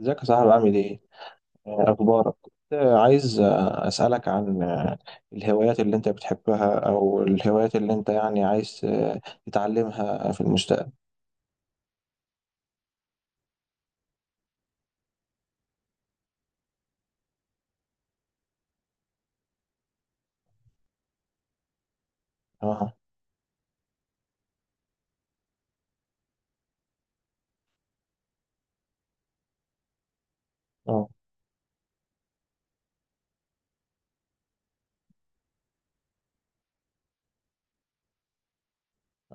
ازيك يا صاحبي عامل ايه؟ آه، اخبارك؟ كنت عايز اسالك عن الهوايات اللي انت بتحبها او الهوايات اللي انت يعني عايز تتعلمها في المستقبل. اه اه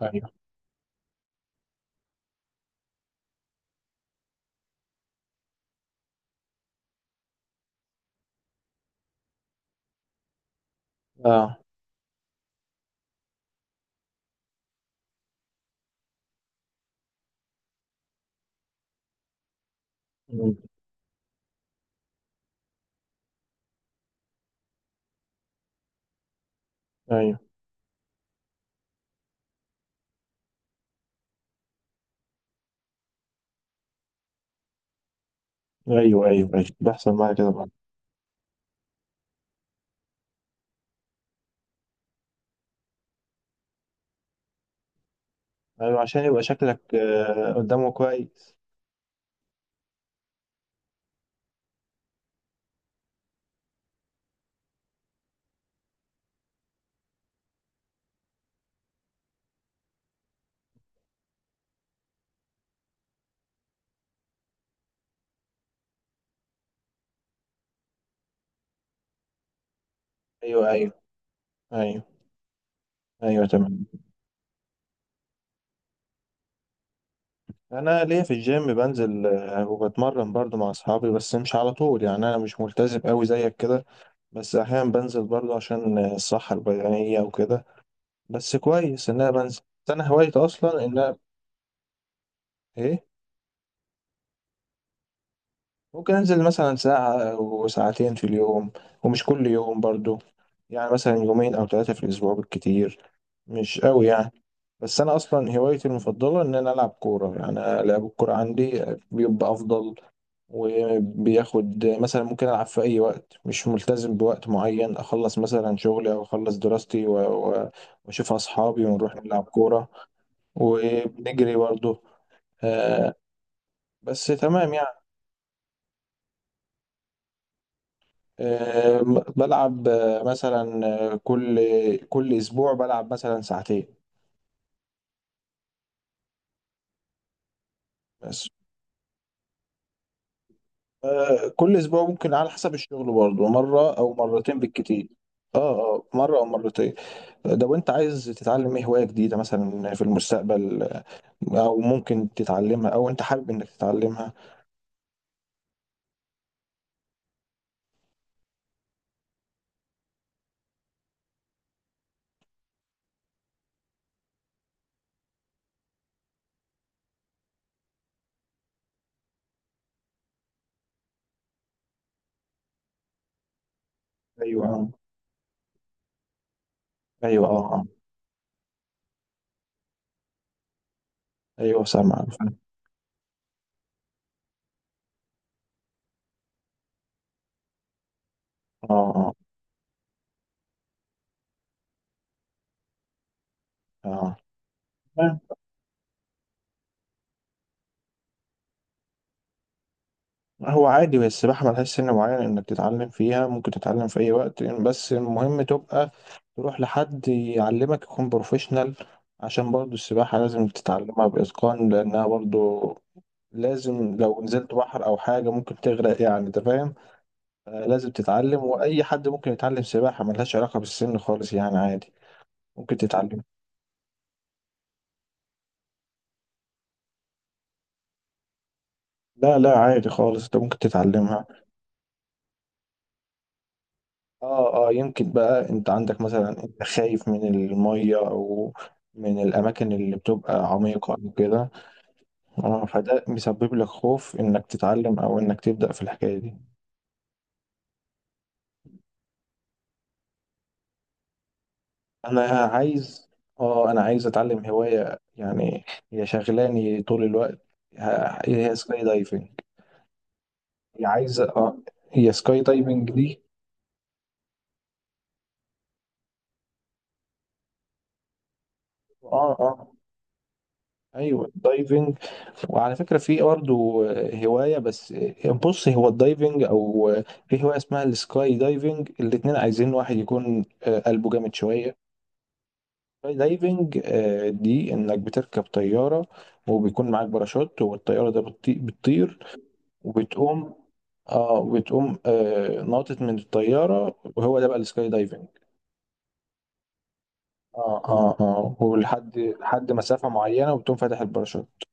ايوه اه مم. ايوه، ايوه، ايوه، ايوه، بيحصل معايا كده برضه. ايوه عشان يبقى شكلك قدامه كويس. ايوه، ايوه، ايوه، ايوه، تمام. انا ليا في الجيم بنزل وبتمرن برضه مع اصحابي، بس مش على طول يعني انا مش ملتزم قوي زيك كده. بس احيانا بنزل برضو عشان الصحة البدنية وكده. بس كويس ان انا بنزل. بس انا هوايتي اصلا ان انا ايه، ممكن انزل مثلا ساعة وساعتين في اليوم، ومش كل يوم برضو، يعني مثلا يومين او ثلاثة في الاسبوع بالكتير، مش قوي يعني. بس انا اصلا هوايتي المفضلة ان انا العب كورة، يعني أنا لعب الكورة عندي بيبقى افضل، وبياخد مثلا ممكن ألعب في أي وقت مش ملتزم بوقت معين، أخلص مثلا شغلي أو أخلص دراستي و- وأشوف أصحابي ونروح نلعب كورة وبنجري برضه. آه، بس تمام يعني. آه، بلعب مثلا آه، كل كل أسبوع بلعب مثلا ساعتين بس. كل أسبوع ممكن على حسب الشغل برضه مرة أو مرتين بالكتير. اه اه مرة أو مرتين. ده وأنت عايز تتعلم إيه هواية جديدة مثلا في المستقبل، او ممكن تتعلمها او انت حابب انك تتعلمها؟ ايوه اه. ايوه اه اه. ايوه سامع. اه اه اه. هو عادي، بس السباحة ملهاش سن معين انك تتعلم فيها، ممكن تتعلم في اي وقت، بس المهم تبقى تروح لحد يعلمك يكون بروفيشنال عشان برضو السباحة لازم تتعلمها بإتقان، لأنها برضو لازم لو نزلت بحر أو حاجة ممكن تغرق يعني أنت فاهم. لازم تتعلم، وأي حد ممكن يتعلم سباحة، ملهاش علاقة بالسن خالص يعني عادي ممكن تتعلم. لا لا، عادي خالص، انت ممكن تتعلمها. اه اه، يمكن بقى انت عندك مثلا، انت خايف من المية او من الاماكن اللي بتبقى عميقة او كده. اه، فده مسبب لك خوف انك تتعلم او انك تبدأ في الحكاية دي. انا عايز اه، انا عايز اتعلم هواية يعني هي شغلاني طول الوقت. هي سكاي دايفنج. هي عايزة اه، هي سكاي دايفنج دي. اه اه. ايوه الدايفنج. وعلى فكره في برضه هوايه، بس بص هو الدايفنج او في هوايه اسمها السكاي دايفنج، الاتنين عايزين واحد يكون قلبه جامد شويه. السكاي دايفنج دي انك بتركب طياره وبيكون معاك باراشوت، والطياره ده بتطير وبتقوم، اه بتقوم آه ناطط من الطياره، وهو ده بقى السكاي دايفنج. اه اه اه، ولحد مسافه معينه وبتقوم فاتح الباراشوت.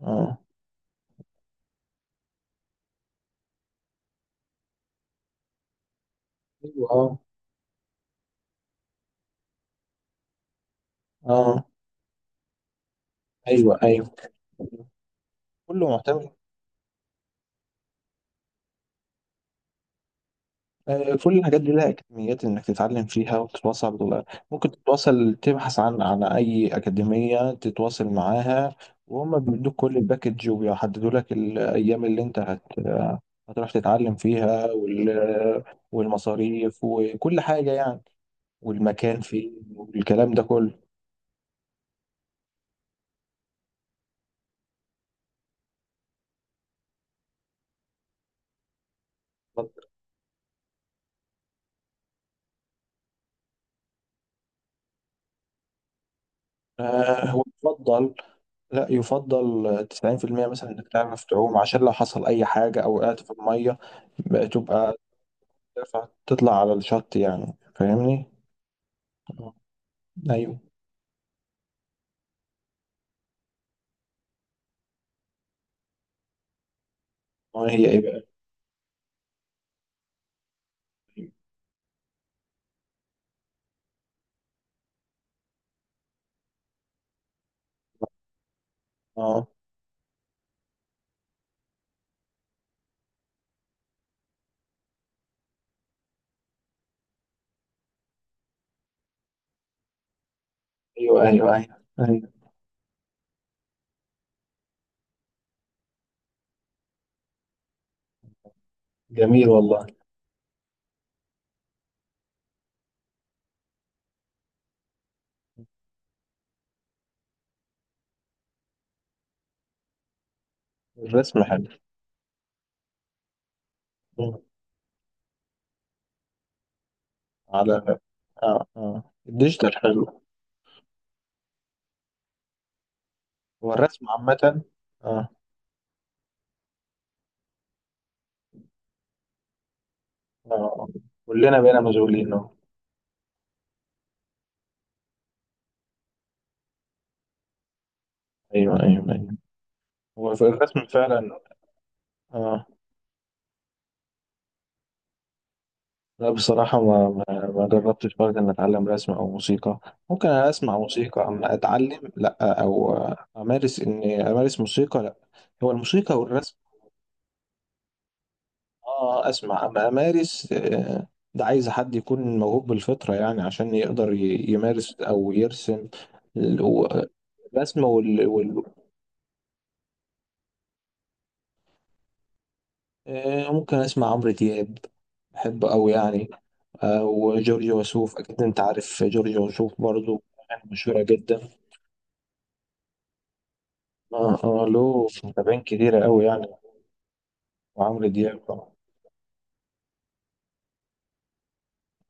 اه ايوه. اه اه. ايوه ايوه. كله محتوى. كل الحاجات دي لها اكاديميات انك تتعلم فيها وتتواصل ممكن تتواصل، تبحث عن اي اكاديميه تتواصل معاها وهم بيدوك كل الباكج وبيحددوا لك الايام اللي انت هتروح تتعلم فيها والمصاريف وكل حاجه يعني، والمكان فيه والكلام ده كله. هو اتفضل. لا، يفضل 90% مثلا انك تعرف تعوم عشان لو حصل اي حاجة او وقعت في المية بقى تبقى تطلع على الشط، يعني فاهمني؟ آه. ايوه. هي ايه بقى؟ اه ايوه ايوه ايوه ايوه. جميل والله. الرسم حلو. آه. على اه اه، الديجيتال حلو. هو الرسم عامة. اه اه أه. كلنا بقينا مشغولين آه. ايوه ايوه ايوه، هو في الرسم فعلا. اه. لا بصراحة، ما جربتش برضه إن أتعلم رسم أو موسيقى. ممكن أنا أسمع موسيقى أما أتعلم لأ. أو أمارس، إني أمارس موسيقى لأ. هو الموسيقى والرسم. آه أسمع أما أمارس ده عايز حد يكون موهوب بالفطرة يعني عشان يقدر يمارس أو يرسم ال- و- الرسم ممكن أسمع عمرو دياب، بحبه أوي يعني. أو جورج وسوف، أكيد أنت عارف جورج وسوف برضه، أغاني مشهورة جدا. اه اه، له متابعين كتيرة قوي يعني. وعمرو دياب طبعا.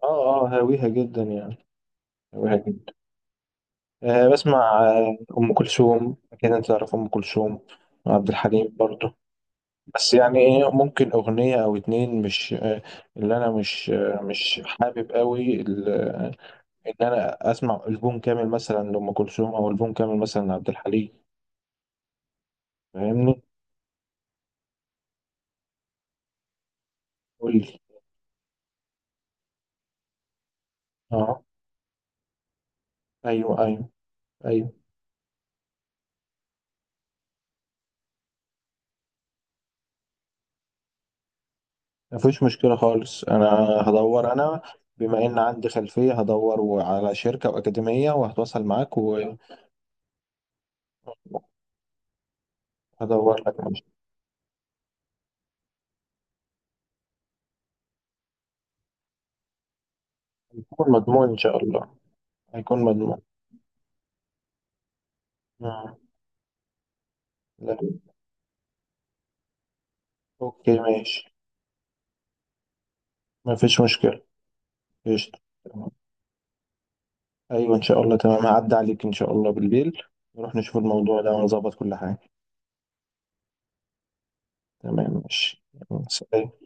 اه اه هاويها جدا يعني، هاويها جدا. آه بسمع آه أم كلثوم، أكيد أنت تعرف أم كلثوم، وعبد الحليم برضه. بس يعني إيه، ممكن أغنية أو اتنين، مش آه اللي أنا مش آه مش حابب قوي إن أنا أسمع ألبوم كامل مثلا لأم كلثوم أو ألبوم كامل مثلا لعبد الحليم، فاهمني؟ قول لي. اه أيوه أيوه أيوه. مفيش مشكلة خالص، أنا هدور. أنا بما إن عندي خلفية، هدور على شركة وأكاديمية وهتواصل معاك وهدور لك ماشي. هيكون مضمون إن شاء الله، هيكون مضمون. مم. لا. أوكي ماشي، مفيش مشكلة. قشطة. تمام. أيوة إن شاء الله، تمام، هعدي عليك إن شاء الله بالليل، نروح نشوف الموضوع ده ونظبط كل حاجة. تمام ماشي. يلا، سلام.